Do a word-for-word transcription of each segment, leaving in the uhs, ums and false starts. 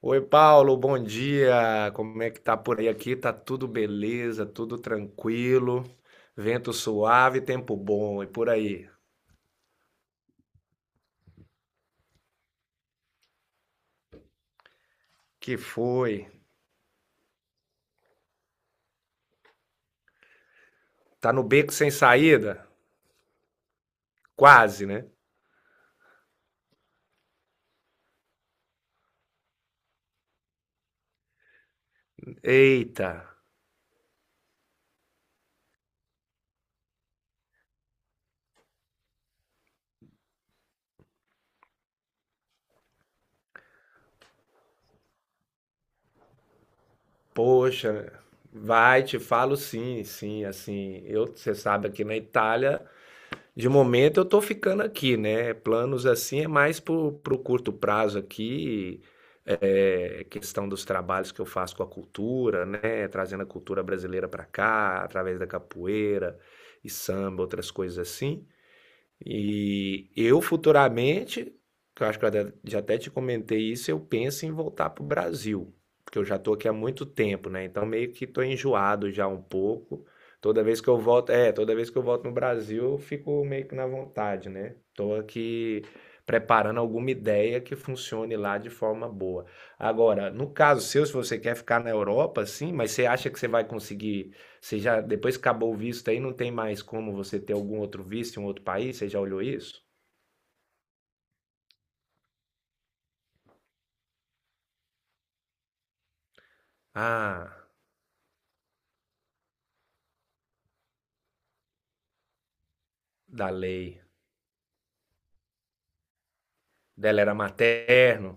Oi, Paulo, bom dia. Como é que tá por aí? Aqui tá tudo beleza, tudo tranquilo, vento suave, tempo bom. E por aí? Que foi? Tá no beco sem saída? Quase, né? Eita, poxa, vai, te falo sim, sim, assim. Eu, você sabe, aqui na Itália. De momento eu tô ficando aqui, né? Planos assim é mais pro, pro curto prazo aqui, é, questão dos trabalhos que eu faço com a cultura, né? Trazendo a cultura brasileira para cá, através da capoeira e samba, outras coisas assim. E eu futuramente, que eu acho que eu até- já até te comentei isso, eu penso em voltar para o Brasil, porque eu já estou aqui há muito tempo, né? Então meio que estou enjoado já um pouco. Toda vez que eu volto, é, toda vez que eu volto no Brasil, eu fico meio que na vontade, né? Estou aqui preparando alguma ideia que funcione lá de forma boa. Agora, no caso seu, se você quer ficar na Europa, sim, mas você acha que você vai conseguir, você já, depois que acabou o visto aí, não tem mais como você ter algum outro visto em um outro país? Você já olhou isso? Ah, da lei. Dela era materno,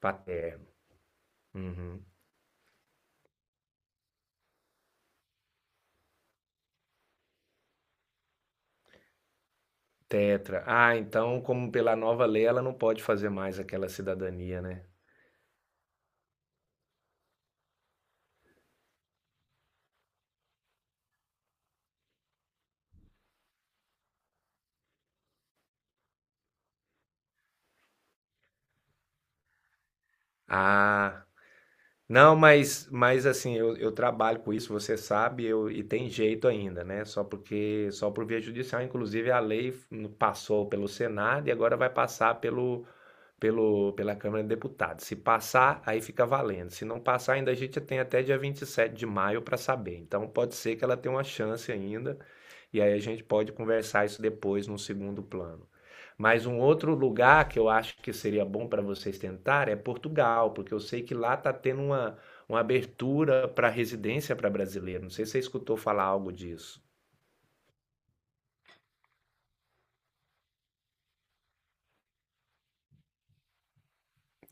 paterno. Uhum. Tetra. Ah, então, como pela nova lei, ela não pode fazer mais aquela cidadania, né? Ah, não, mas, mas assim, eu, eu trabalho com isso, você sabe, eu, e tem jeito ainda, né? Só porque, só por via judicial, inclusive a lei passou pelo Senado e agora vai passar pelo, pelo pela Câmara de Deputados. Se passar, aí fica valendo. Se não passar, ainda a gente tem até dia vinte e sete de maio para saber. Então pode ser que ela tenha uma chance ainda, e aí a gente pode conversar isso depois no segundo plano. Mas um outro lugar que eu acho que seria bom para vocês tentar é Portugal, porque eu sei que lá está tendo uma, uma abertura para residência para brasileiro. Não sei se você escutou falar algo disso.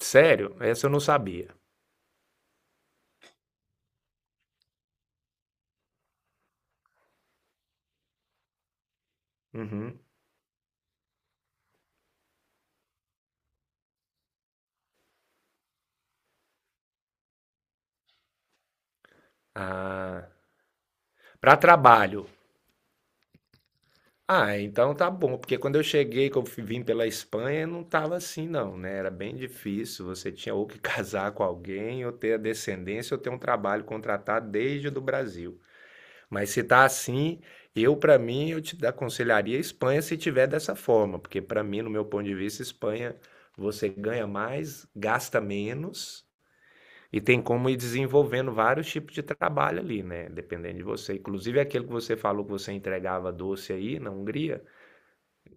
Sério? Essa eu não sabia. Uhum. Ah, para trabalho. Ah, então tá bom, porque quando eu cheguei, que eu fi- vim pela Espanha, não tava assim não, né? Era bem difícil, você tinha ou que casar com alguém, ou ter a descendência, ou ter um trabalho contratado desde o do Brasil. Mas se tá assim, eu para mim, eu te aconselharia a Espanha se tiver dessa forma, porque para mim, no meu ponto de vista, Espanha você ganha mais, gasta menos e tem como ir desenvolvendo vários tipos de trabalho ali, né? Dependendo de você. Inclusive aquele que você falou que você entregava doce aí na Hungria,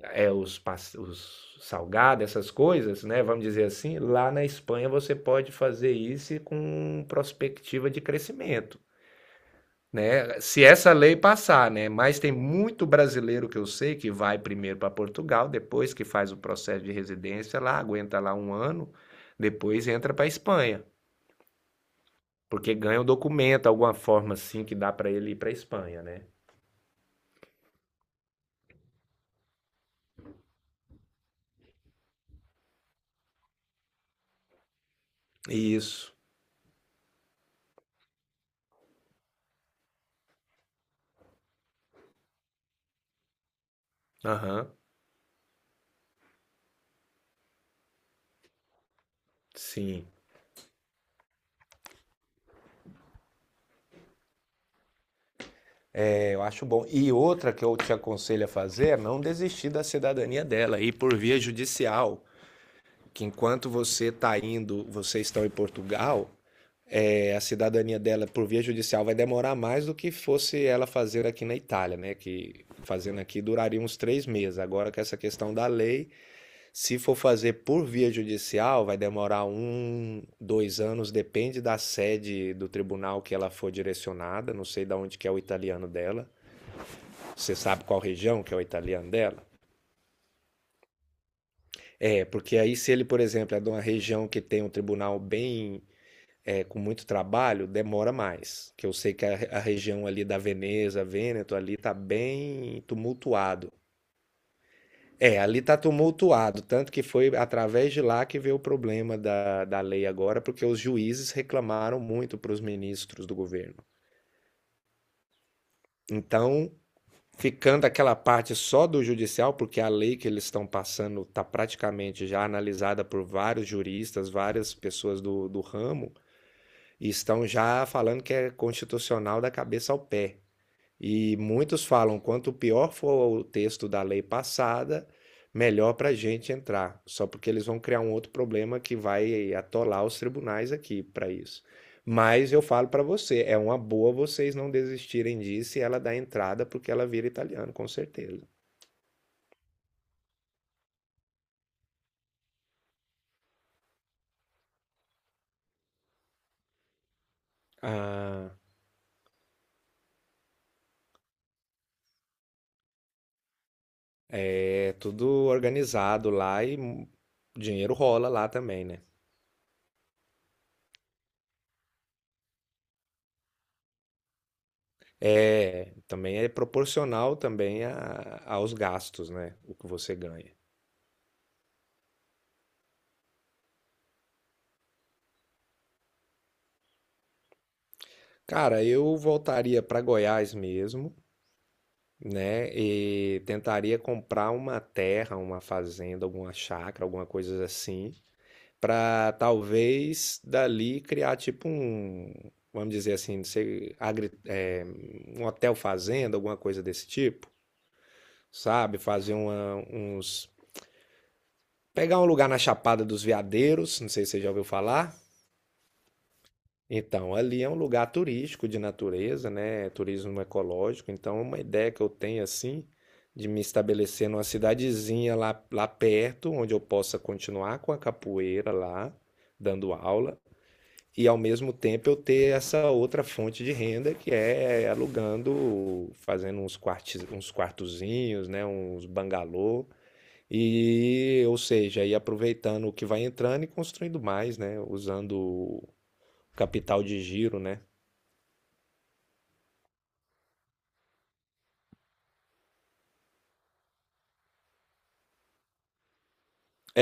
é, os, os salgados, essas coisas, né? Vamos dizer assim, lá na Espanha você pode fazer isso com perspectiva de crescimento, né? Se essa lei passar, né? Mas tem muito brasileiro que eu sei que vai primeiro para Portugal, depois que faz o processo de residência lá, aguenta lá um ano, depois entra para a Espanha, porque ganha um documento, alguma forma assim que dá para ele ir para a Espanha, né? Isso. Aham. Sim. Eu acho bom. E outra que eu te aconselho a fazer é não desistir da cidadania dela, ir por via judicial. Que enquanto você está indo, vocês estão em Portugal, é, a cidadania dela por via judicial vai demorar mais do que fosse ela fazer aqui na Itália, né? Que fazendo aqui duraria uns três meses. Agora com essa questão da lei, se for fazer por via judicial, vai demorar um, dois anos, depende da sede do tribunal que ela for direcionada. Não sei de onde que é o italiano dela, você sabe qual região que é o italiano dela? É, porque aí se ele, por exemplo, é de uma região que tem um tribunal bem, é, com muito trabalho, demora mais. Que eu sei que a, a região ali da Veneza, Vêneto, ali tá bem tumultuado. É, ali tá tumultuado, tanto que foi através de lá que veio o problema da, da lei agora, porque os juízes reclamaram muito para os ministros do governo. Então, ficando aquela parte só do judicial, porque a lei que eles estão passando está praticamente já analisada por vários juristas, várias pessoas do, do ramo, e estão já falando que é constitucional da cabeça ao pé. E muitos falam: quanto pior for o texto da lei passada, melhor para a gente entrar. Só porque eles vão criar um outro problema que vai atolar os tribunais aqui para isso. Mas eu falo para você: é uma boa vocês não desistirem disso e ela dá entrada porque ela vira italiano, com certeza. Ah, é tudo organizado lá e dinheiro rola lá também, né? É, também é proporcional também a- aos gastos, né? O que você ganha. Cara, eu voltaria para Goiás mesmo, né? E tentaria comprar uma terra, uma fazenda, alguma chácara, alguma coisa assim, para talvez dali criar tipo um, vamos dizer assim, não sei, agri- é, um hotel fazenda, alguma coisa desse tipo, sabe? Fazer uma, uns, pegar um lugar na Chapada dos Veadeiros, não sei se você já ouviu falar. Então, ali é um lugar turístico de natureza, né? É turismo ecológico. Então, uma ideia que eu tenho assim de me estabelecer numa cidadezinha lá, lá perto, onde eu possa continuar com a capoeira lá, dando aula, e ao mesmo tempo eu ter essa outra fonte de renda que é alugando, fazendo uns quartos, uns quartozinhos, né? Uns bangalô. E, ou seja, ir aproveitando o que vai entrando e construindo mais, né? Usando o capital de giro, né?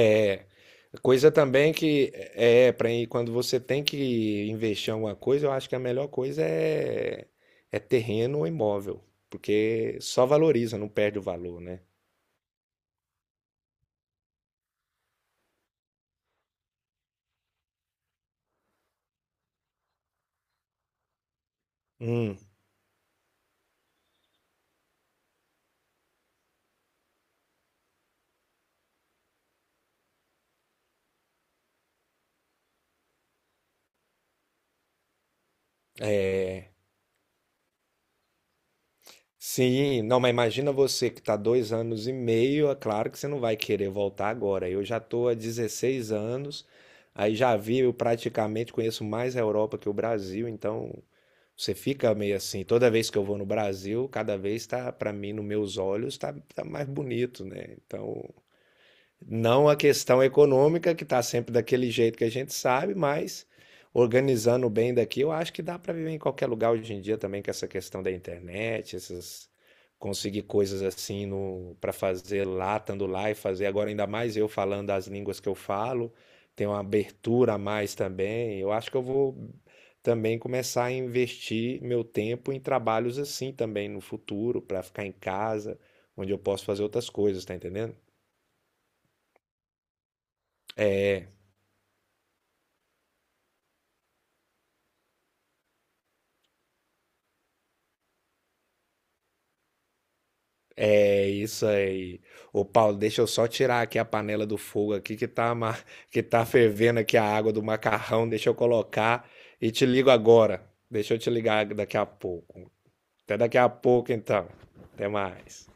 É. Coisa também que é para quando você tem que investir em alguma coisa, eu acho que a melhor coisa é, é terreno ou imóvel, porque só valoriza, não perde o valor, né? Hum, sim, não, mas imagina você que está dois anos e meio, é claro que você não vai querer voltar agora. Eu já estou há dezesseis anos, aí já vi, eu praticamente conheço mais a Europa que o Brasil, então você fica meio assim, toda vez que eu vou no Brasil, cada vez tá, para mim, nos meus olhos, tá, tá mais bonito, né? Então, não a questão econômica, que está sempre daquele jeito que a gente sabe, mas organizando bem daqui, eu acho que dá para viver em qualquer lugar hoje em dia também com essa questão da internet, essas conseguir coisas assim no para fazer lá, estando lá e fazer agora ainda mais eu falando as línguas que eu falo, tem uma abertura a mais também. Eu acho que eu vou também começar a investir meu tempo em trabalhos assim também no futuro, para ficar em casa, onde eu posso fazer outras coisas, tá entendendo? É isso aí. Ô Paulo, deixa eu só tirar aqui a panela do fogo aqui que tá, ma- que tá fervendo aqui a água do macarrão. Deixa eu colocar e te ligo agora. Deixa eu te ligar daqui a pouco. Até daqui a pouco, então. Até mais.